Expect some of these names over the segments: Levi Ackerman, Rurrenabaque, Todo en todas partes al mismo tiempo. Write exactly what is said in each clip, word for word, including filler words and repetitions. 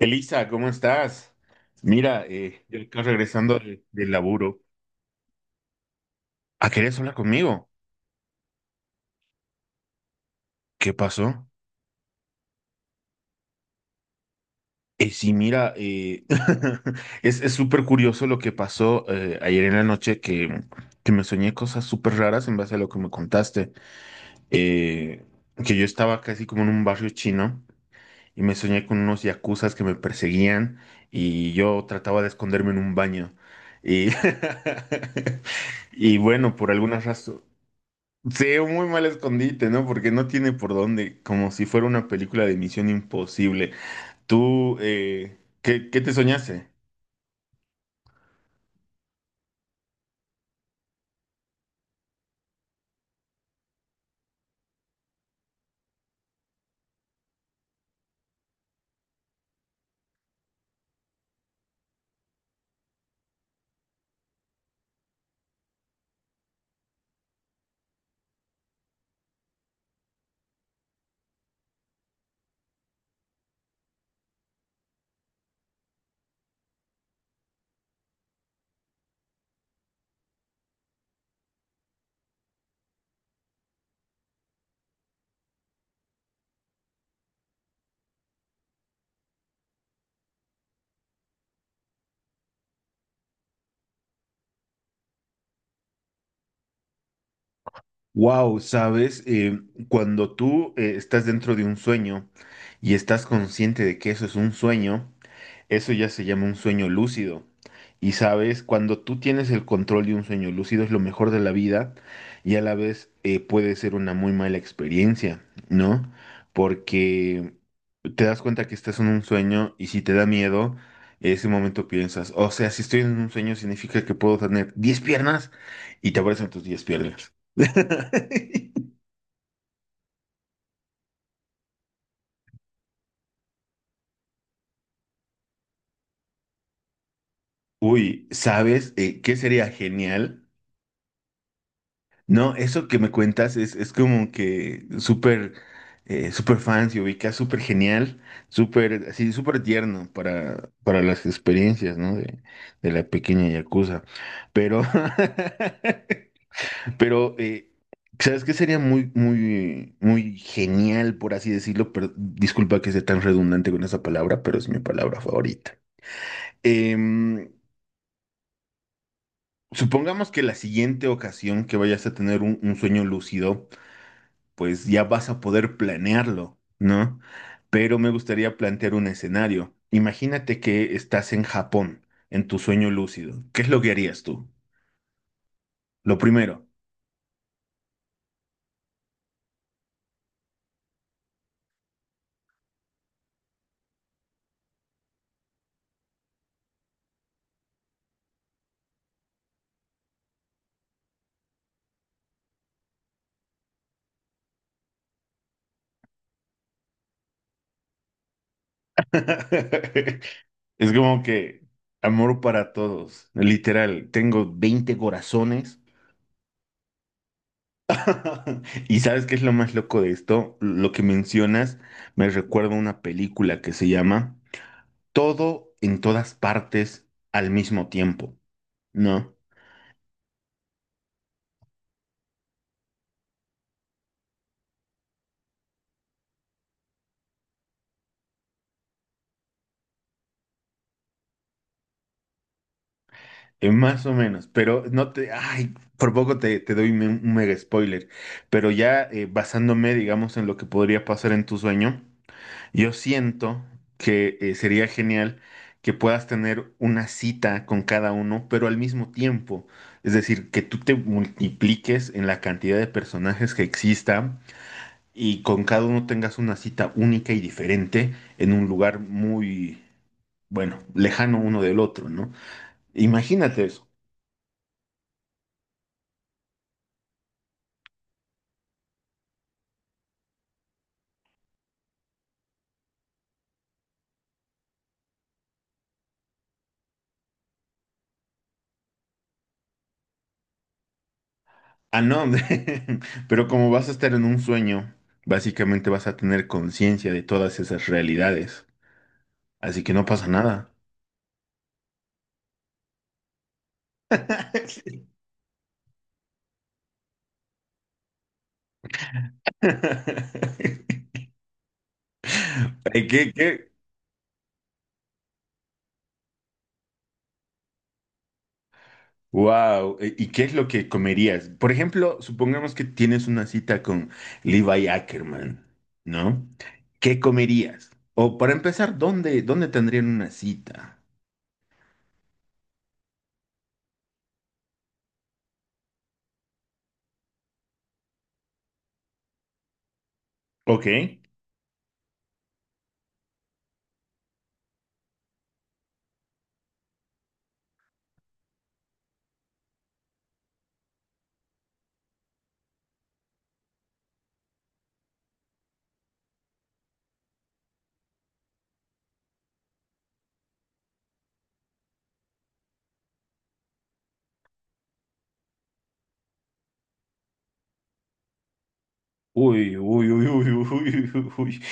Elisa, ¿cómo estás? Mira, eh, yo acá regresando del, del laburo. Ah, ¿querías hablar conmigo? ¿Qué pasó? Eh, sí, mira, eh, es, es súper curioso lo que pasó eh, ayer en la noche que, que me soñé cosas súper raras en base a lo que me contaste. Eh, que yo estaba casi como en un barrio chino y me soñé con unos yakuzas que me perseguían y yo trataba de esconderme en un baño. Y, y bueno, por alguna razón. Sí, un muy mal escondite, ¿no? Porque no tiene por dónde, como si fuera una película de Misión Imposible. Tú, eh, ¿qué, qué te soñaste? Wow, ¿sabes? Eh, cuando tú eh, estás dentro de un sueño y estás consciente de que eso es un sueño, eso ya se llama un sueño lúcido. Y sabes, cuando tú tienes el control de un sueño lúcido es lo mejor de la vida y a la vez eh, puede ser una muy mala experiencia, ¿no? Porque te das cuenta que estás en un sueño y si te da miedo, en ese momento piensas, o sea, si estoy en un sueño significa que puedo tener diez piernas y te aparecen tus diez piernas. Uy, ¿sabes eh, qué sería genial? No, eso que me cuentas es, es como que súper eh, súper fan, se ubica súper genial, súper así, súper tierno para, para las experiencias, ¿no? De, de la pequeña yakuza. Pero, pero eh, ¿sabes qué sería muy, muy, muy genial, por así decirlo? Pero, disculpa que sea tan redundante con esa palabra, pero es mi palabra favorita. Em, supongamos que la siguiente ocasión que vayas a tener un un sueño lúcido pues ya vas a poder planearlo, ¿no? Pero me gustaría plantear un escenario. Imagínate que estás en Japón, en tu sueño lúcido. ¿Qué es lo que harías tú? Lo primero. Es como que amor para todos, literal. Tengo veinte corazones. ¿Y sabes qué es lo más loco de esto? Lo que mencionas me recuerda a una película que se llama Todo en todas partes al mismo tiempo, ¿no? Eh, más o menos, pero no te, ay, por poco te, te doy me- un mega spoiler, pero ya eh, basándome, digamos, en lo que podría pasar en tu sueño, yo siento que eh, sería genial que puedas tener una cita con cada uno, pero al mismo tiempo, es decir, que tú te multipliques en la cantidad de personajes que existan y con cada uno tengas una cita única y diferente en un lugar muy, bueno, lejano uno del otro, ¿no? Imagínate eso. Ah, no, pero como vas a estar en un sueño, básicamente vas a tener conciencia de todas esas realidades, así que no pasa nada. Sí. Ay, ¿Qué, qué? Wow, ¿y qué es lo que comerías? Por ejemplo, supongamos que tienes una cita con Levi Ackerman, ¿no? ¿Qué comerías? O para empezar, ¿dónde, dónde tendrían una cita? Ok. Uy, uy, uy, uy, uy, uy, uy.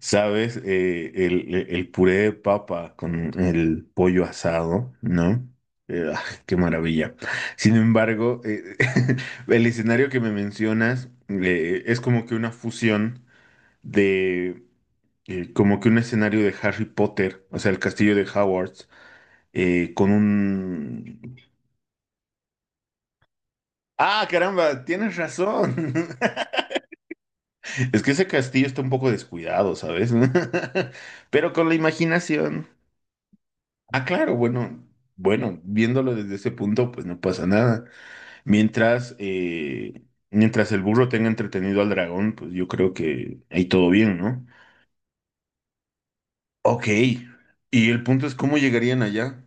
¿Sabes? Eh, el, el puré de papa con el pollo asado, ¿no? Eh, ah, qué maravilla. Sin embargo, eh, el escenario que me mencionas eh, es como que una fusión de, eh, como que un escenario de Harry Potter, o sea, el castillo de Hogwarts, eh, con un... Ah, caramba, tienes razón. Es que ese castillo está un poco descuidado, ¿sabes? Pero con la imaginación. Ah, claro, bueno, bueno, viéndolo desde ese punto, pues no pasa nada. Mientras, eh, mientras el burro tenga entretenido al dragón, pues yo creo que ahí todo bien, ¿no? Ok. Y el punto es cómo llegarían allá.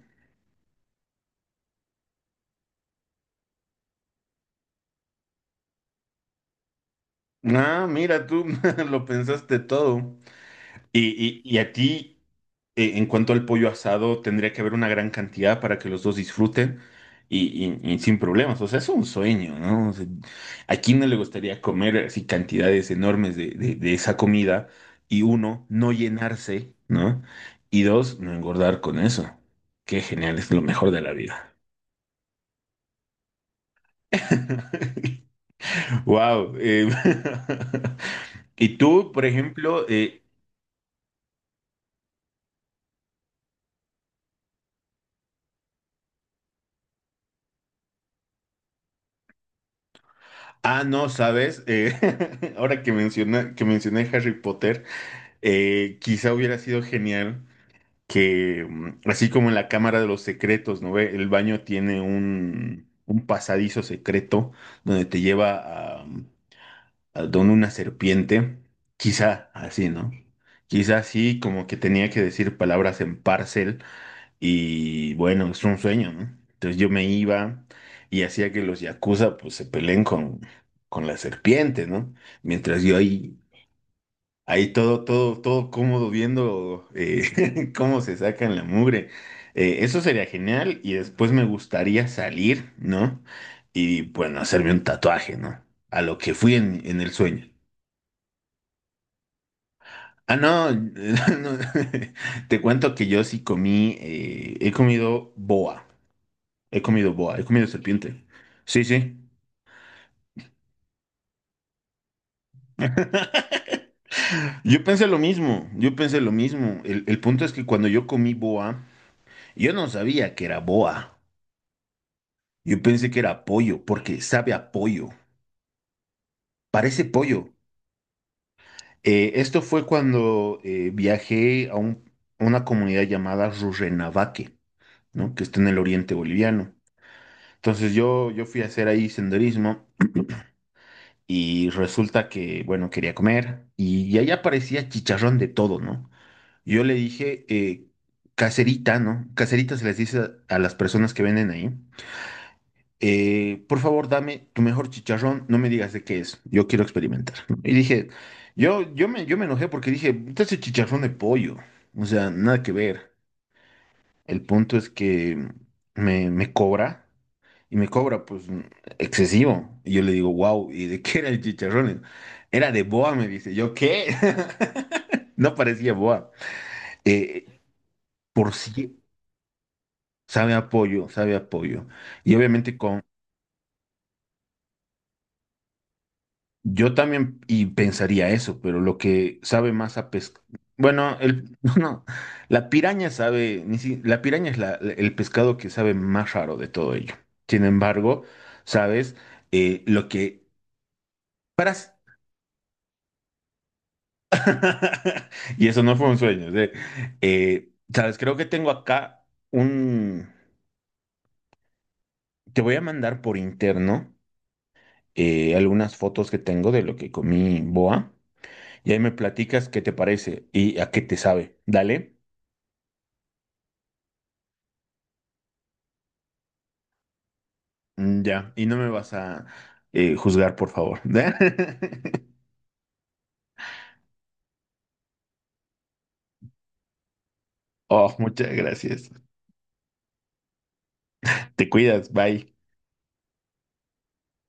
Ah, mira, tú lo pensaste todo. Y, y, y a ti. eh, en cuanto al pollo asado, tendría que haber una gran cantidad para que los dos disfruten y, y- y sin problemas. O sea, es un sueño, ¿no? O sea, ¿a quién no le gustaría comer así cantidades enormes de, de- de esa comida? Y uno, no llenarse, ¿no? Y dos, no engordar con eso. Qué genial, es lo mejor de la vida. Wow. Y tú, por ejemplo, eh, ah, no, sabes, Eh, ahora que menciona, que mencioné Harry Potter. Eh, quizá hubiera sido genial que, mm, así como en la Cámara de los Secretos, ¿no ve? El baño tiene un, un pasadizo secreto donde te lleva a, mm, a donde una serpiente. Quizá así, ¿no? Quizá así, como que tenía que decir palabras en parcel y bueno, es un sueño, ¿no? Entonces yo me iba y hacía que los yakuza pues se peleen con, con la serpiente, ¿no? Mientras yo ahí ahí todo, todo, todo cómodo viendo eh, cómo se sacan la mugre. Eh, eso sería genial y después me gustaría salir, ¿no? Y bueno, hacerme un tatuaje, ¿no? A lo que fui en, en el sueño. Ah, no, no, te cuento que yo sí comí, eh, he comido boa, he comido boa, he comido serpiente. Sí, sí. Yo pensé lo mismo, yo pensé lo mismo. El, el punto es que cuando yo comí boa, yo no sabía que era boa. Yo pensé que era pollo, porque sabe a pollo. Parece pollo. Eh, esto fue cuando eh, viajé a, un- a una comunidad llamada Rurrenabaque, ¿no? Que está en el oriente boliviano. Entonces yo, yo fui a hacer ahí senderismo y resulta que, bueno, quería comer y, y ahí aparecía chicharrón de todo, ¿no? Yo le dije eh, caserita, ¿no? Caserita se les dice a a las personas que venden ahí. eh, por favor, dame tu mejor chicharrón, no me digas de qué es, yo quiero experimentar. ¿No? Y dije, yo, yo me, yo me enojé porque dije, este es chicharrón de pollo, o sea, nada que ver. El punto es que me, me cobra y me cobra pues excesivo. Y yo le digo, wow, ¿y de qué era el chicharrón? Era de boa, me dice, ¿yo qué? No parecía boa. Eh, por sí, sabe a pollo, sabe a pollo. Y obviamente yo también y pensaría eso, pero lo que sabe más a pesca, bueno, el no, la piraña sabe, ni si- la piraña es la- el pescado que sabe más raro de todo ello. Sin embargo, sabes Eh, lo que para y eso no fue un sueño, ¿sí? Eh, sabes, creo que tengo acá un, te voy a mandar por interno eh, algunas fotos que tengo de lo que comí boa y ahí me platicas qué te parece y a qué te sabe. Dale. Mm, ya, y no me vas a eh, juzgar, por favor. Oh, muchas gracias. Te cuidas, bye.